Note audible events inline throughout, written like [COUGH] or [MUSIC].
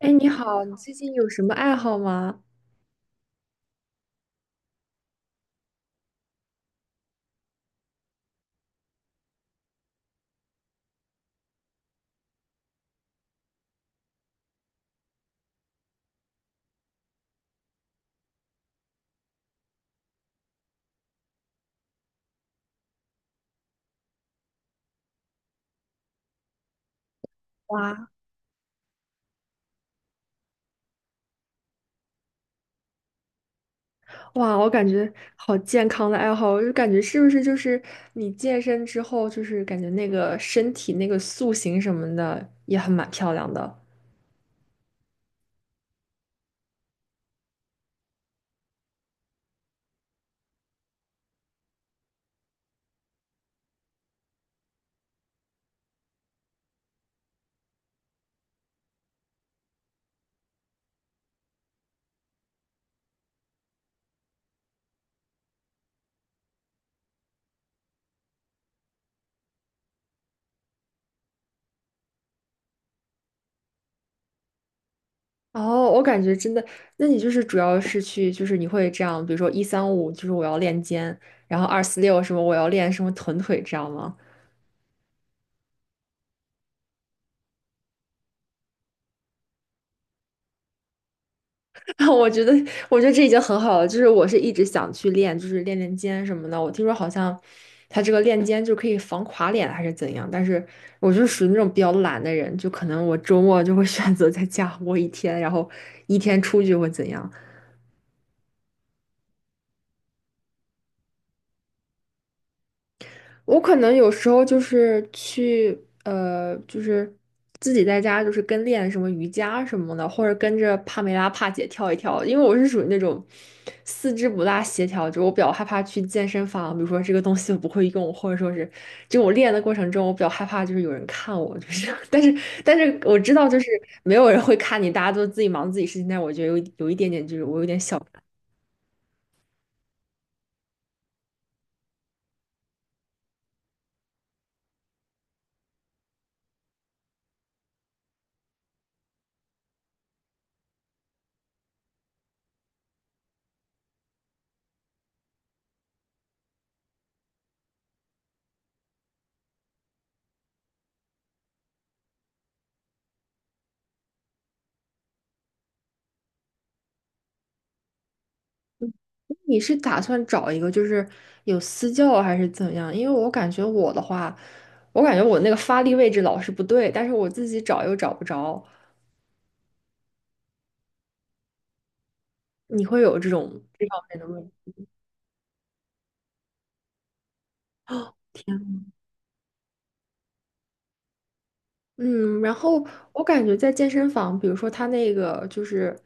哎，你好，你最近有什么爱好吗？哇哇，我感觉好健康的爱好，我就感觉是不是就是你健身之后，就是感觉那个身体那个塑形什么的也很蛮漂亮的。哦，我感觉真的，那你就是主要是去，就是你会这样，比如说一三五，就是我要练肩，然后二四六什么我要练什么臀腿，这样吗？[LAUGHS] 我觉得，我觉得这已经很好了。就是我是一直想去练，就是练练肩什么的。我听说好像他这个练肩就可以防垮脸还是怎样，但是我就是属于那种比较懒的人，就可能我周末就会 [LAUGHS] 选择在家窝一天，然后一天出去会怎样。我可能有时候就是去就是自己在家就是跟练什么瑜伽什么的，或者跟着帕梅拉帕姐跳一跳，因为我是属于那种四肢不大协调，就我比较害怕去健身房，比如说这个东西我不会用，或者说是就我练的过程中，我比较害怕就是有人看我，就是 [LAUGHS] 但是我知道就是没有人会看你，大家都自己忙自己事情，但我觉得有一点点就是我有点小。你是打算找一个就是有私教还是怎样？因为我感觉我的话，我感觉我那个发力位置老是不对，但是我自己找又找不着。你会有这种这方面的问题？天，嗯，然后我感觉在健身房，比如说他那个就是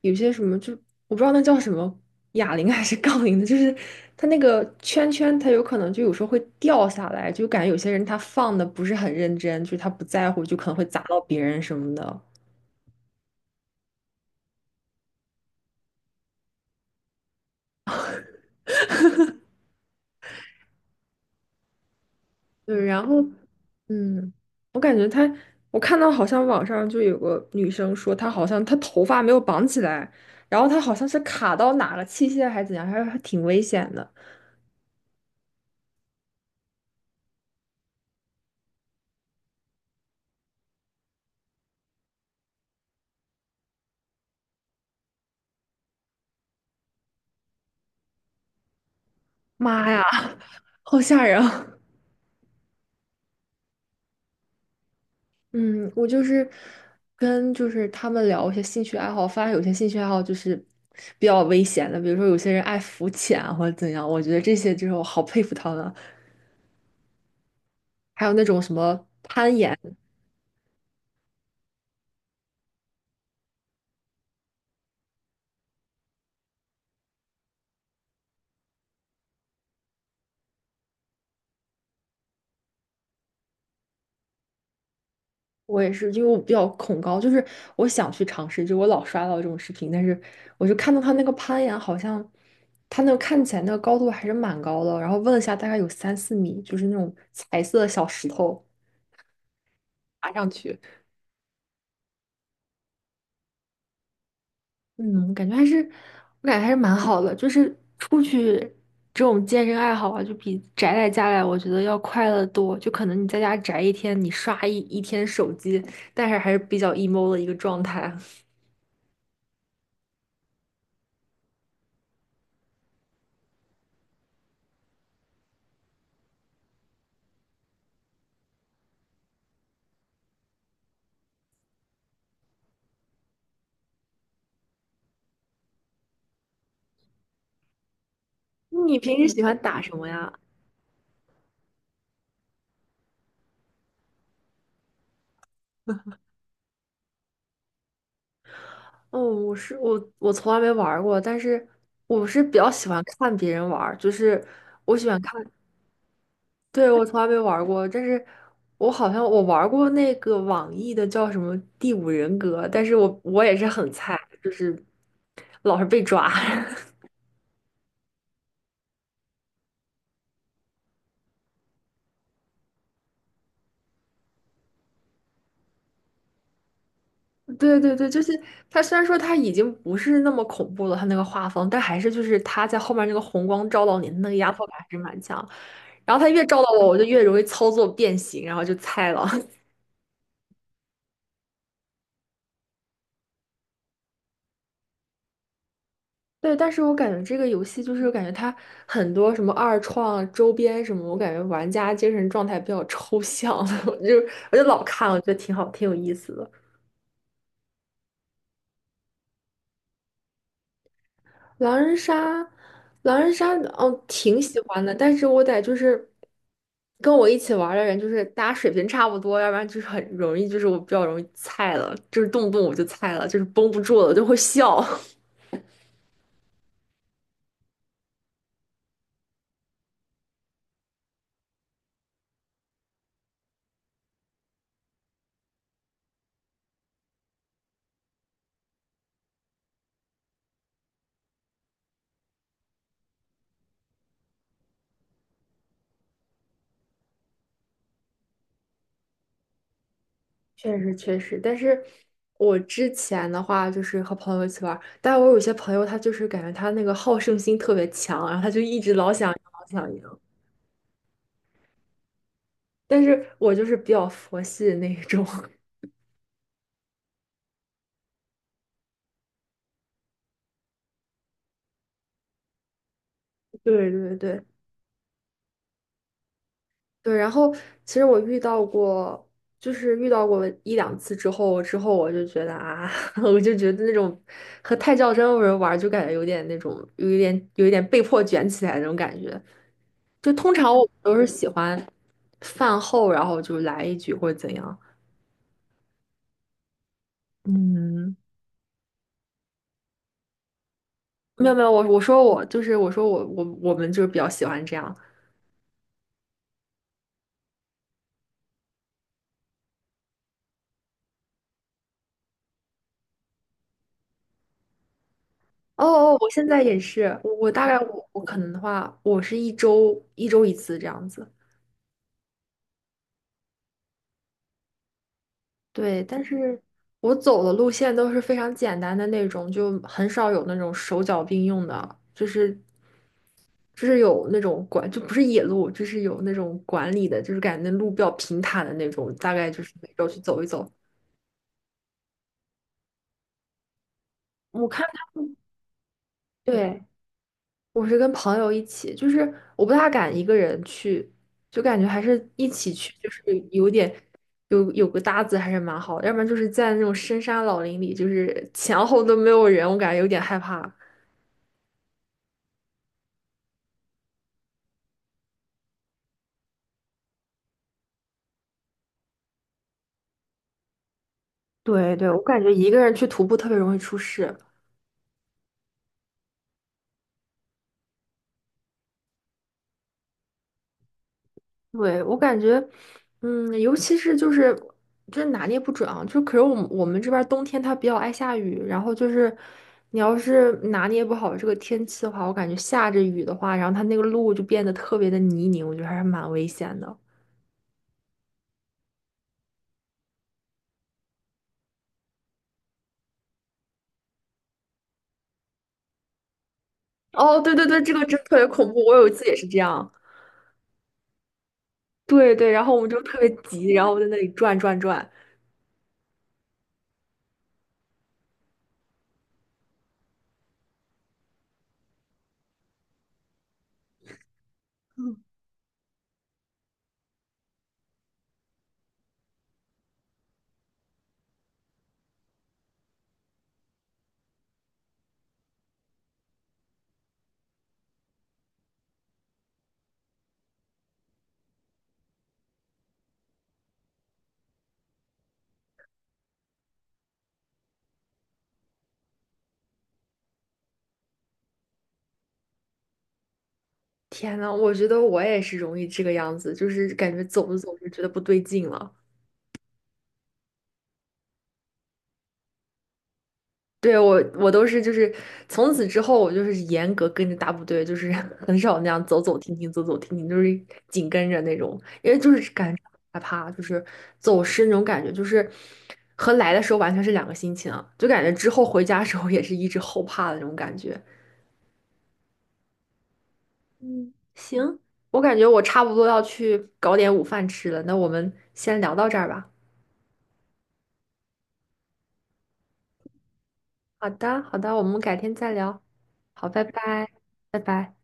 有些什么，就我不知道那叫什么，哑铃 [LAUGHS] 还是杠铃的，就是他那个圈圈，他有可能就有时候会掉下来，就感觉有些人他放的不是很认真，就是他不在乎，就可能会砸到别人什么的。对，然后嗯，我感觉她，我看到好像网上就有个女生说，她好像她头发没有绑起来，然后她好像是卡到哪了，器械还是怎样，还挺危险的。妈呀，[LAUGHS] 好吓人啊！嗯，我就是跟就是他们聊一些兴趣爱好，发现有些兴趣爱好就是比较危险的，比如说有些人爱浮潜啊或者怎样，我觉得这些就是我好佩服他们啊。还有那种什么攀岩。我也是，因为我比较恐高，就是我想去尝试，就我老刷到这种视频，但是我就看到他那个攀岩，好像他那个看起来那个高度还是蛮高的，然后问了一下，大概有三四米，就是那种彩色的小石头爬上去，嗯，我感觉还是，我感觉还是蛮好的，就是出去这种健身爱好啊，就比宅在家里，我觉得要快乐得多。就可能你在家宅一天，你刷一天手机，但是还是比较 emo 的一个状态。[LAUGHS] 你平时喜欢打什么呀？哦，我是我，我从来没玩儿过，但是我是比较喜欢看别人玩儿，就是我喜欢看，对，我从来没玩儿过，但是我好像我玩儿过那个网易的叫什么《第五人格》，但是我也是很菜，就是老是被抓。[LAUGHS] 对对对，就是它虽然说它已经不是那么恐怖了，它那个画风，但还是就是它在后面那个红光照到你，那个压迫感还是蛮强。然后它越照到我，我就越容易操作变形，然后就菜了。对，但是我感觉这个游戏就是感觉它很多什么二创周边什么，我感觉玩家精神状态比较抽象，[LAUGHS] 我就我就老看，我觉得挺好，挺有意思的。狼人杀，狼人杀，哦，挺喜欢的，但是我得就是跟我一起玩儿的人，就是大家水平差不多，要不然就是很容易，就是我比较容易菜了，就是动不动我就菜了，就是绷不住了，我就会笑。[LAUGHS] 确实确实，但是我之前的话就是和朋友一起玩儿，但我有些朋友他就是感觉他那个好胜心特别强，然后他就一直老想赢老想赢，但是我就是比较佛系的那一种。[LAUGHS] 对对对，对，然后其实我遇到过，就是遇到过一两次之后我就觉得啊，[LAUGHS] 我就觉得那种和太较真的人玩儿就感觉有点那种，有一点被迫卷起来的那种感觉。就通常我都是喜欢饭后，然后就来一局或者怎样。嗯，没有没有，我说我就是我说我们就是比较喜欢这样。哦哦，我现在也是，我大概我可能的话，我是一周一次这样子。对，但是我走的路线都是非常简单的那种，就很少有那种手脚并用的，就是就是有那种管，就不是野路，就是有那种管理的，就是感觉那路比较平坦的那种，大概就是每周去走一走。我看他，对，我是跟朋友一起，就是我不大敢一个人去，就感觉还是一起去，就是有点，有个搭子还是蛮好的，要不然就是在那种深山老林里，就是前后都没有人，我感觉有点害怕。对对，我感觉一个人去徒步特别容易出事。对，我感觉，嗯，尤其是就是就是拿捏不准啊，就可是我们这边儿冬天它比较爱下雨，然后就是你要是拿捏不好这个天气的话，我感觉下着雨的话，然后它那个路就变得特别的泥泞，我觉得还是蛮危险的。哦，对对对，这个真特别恐怖，我有一次也是这样。对对，然后我们就特别急，然后我在那里转转转。天呐，我觉得我也是容易这个样子，就是感觉走着走着觉得不对劲了。对，我都是就是从此之后，我就是严格跟着大部队，就是 [LAUGHS] 很少那样走走停停，走走停停，就是紧跟着那种，因为就是感觉害怕，就是走失那种感觉，就是和来的时候完全是两个心情啊，就感觉之后回家的时候也是一直后怕的那种感觉。嗯，行，我感觉我差不多要去搞点午饭吃了，那我们先聊到这儿吧。好的，好的，我们改天再聊。好，拜拜，拜拜。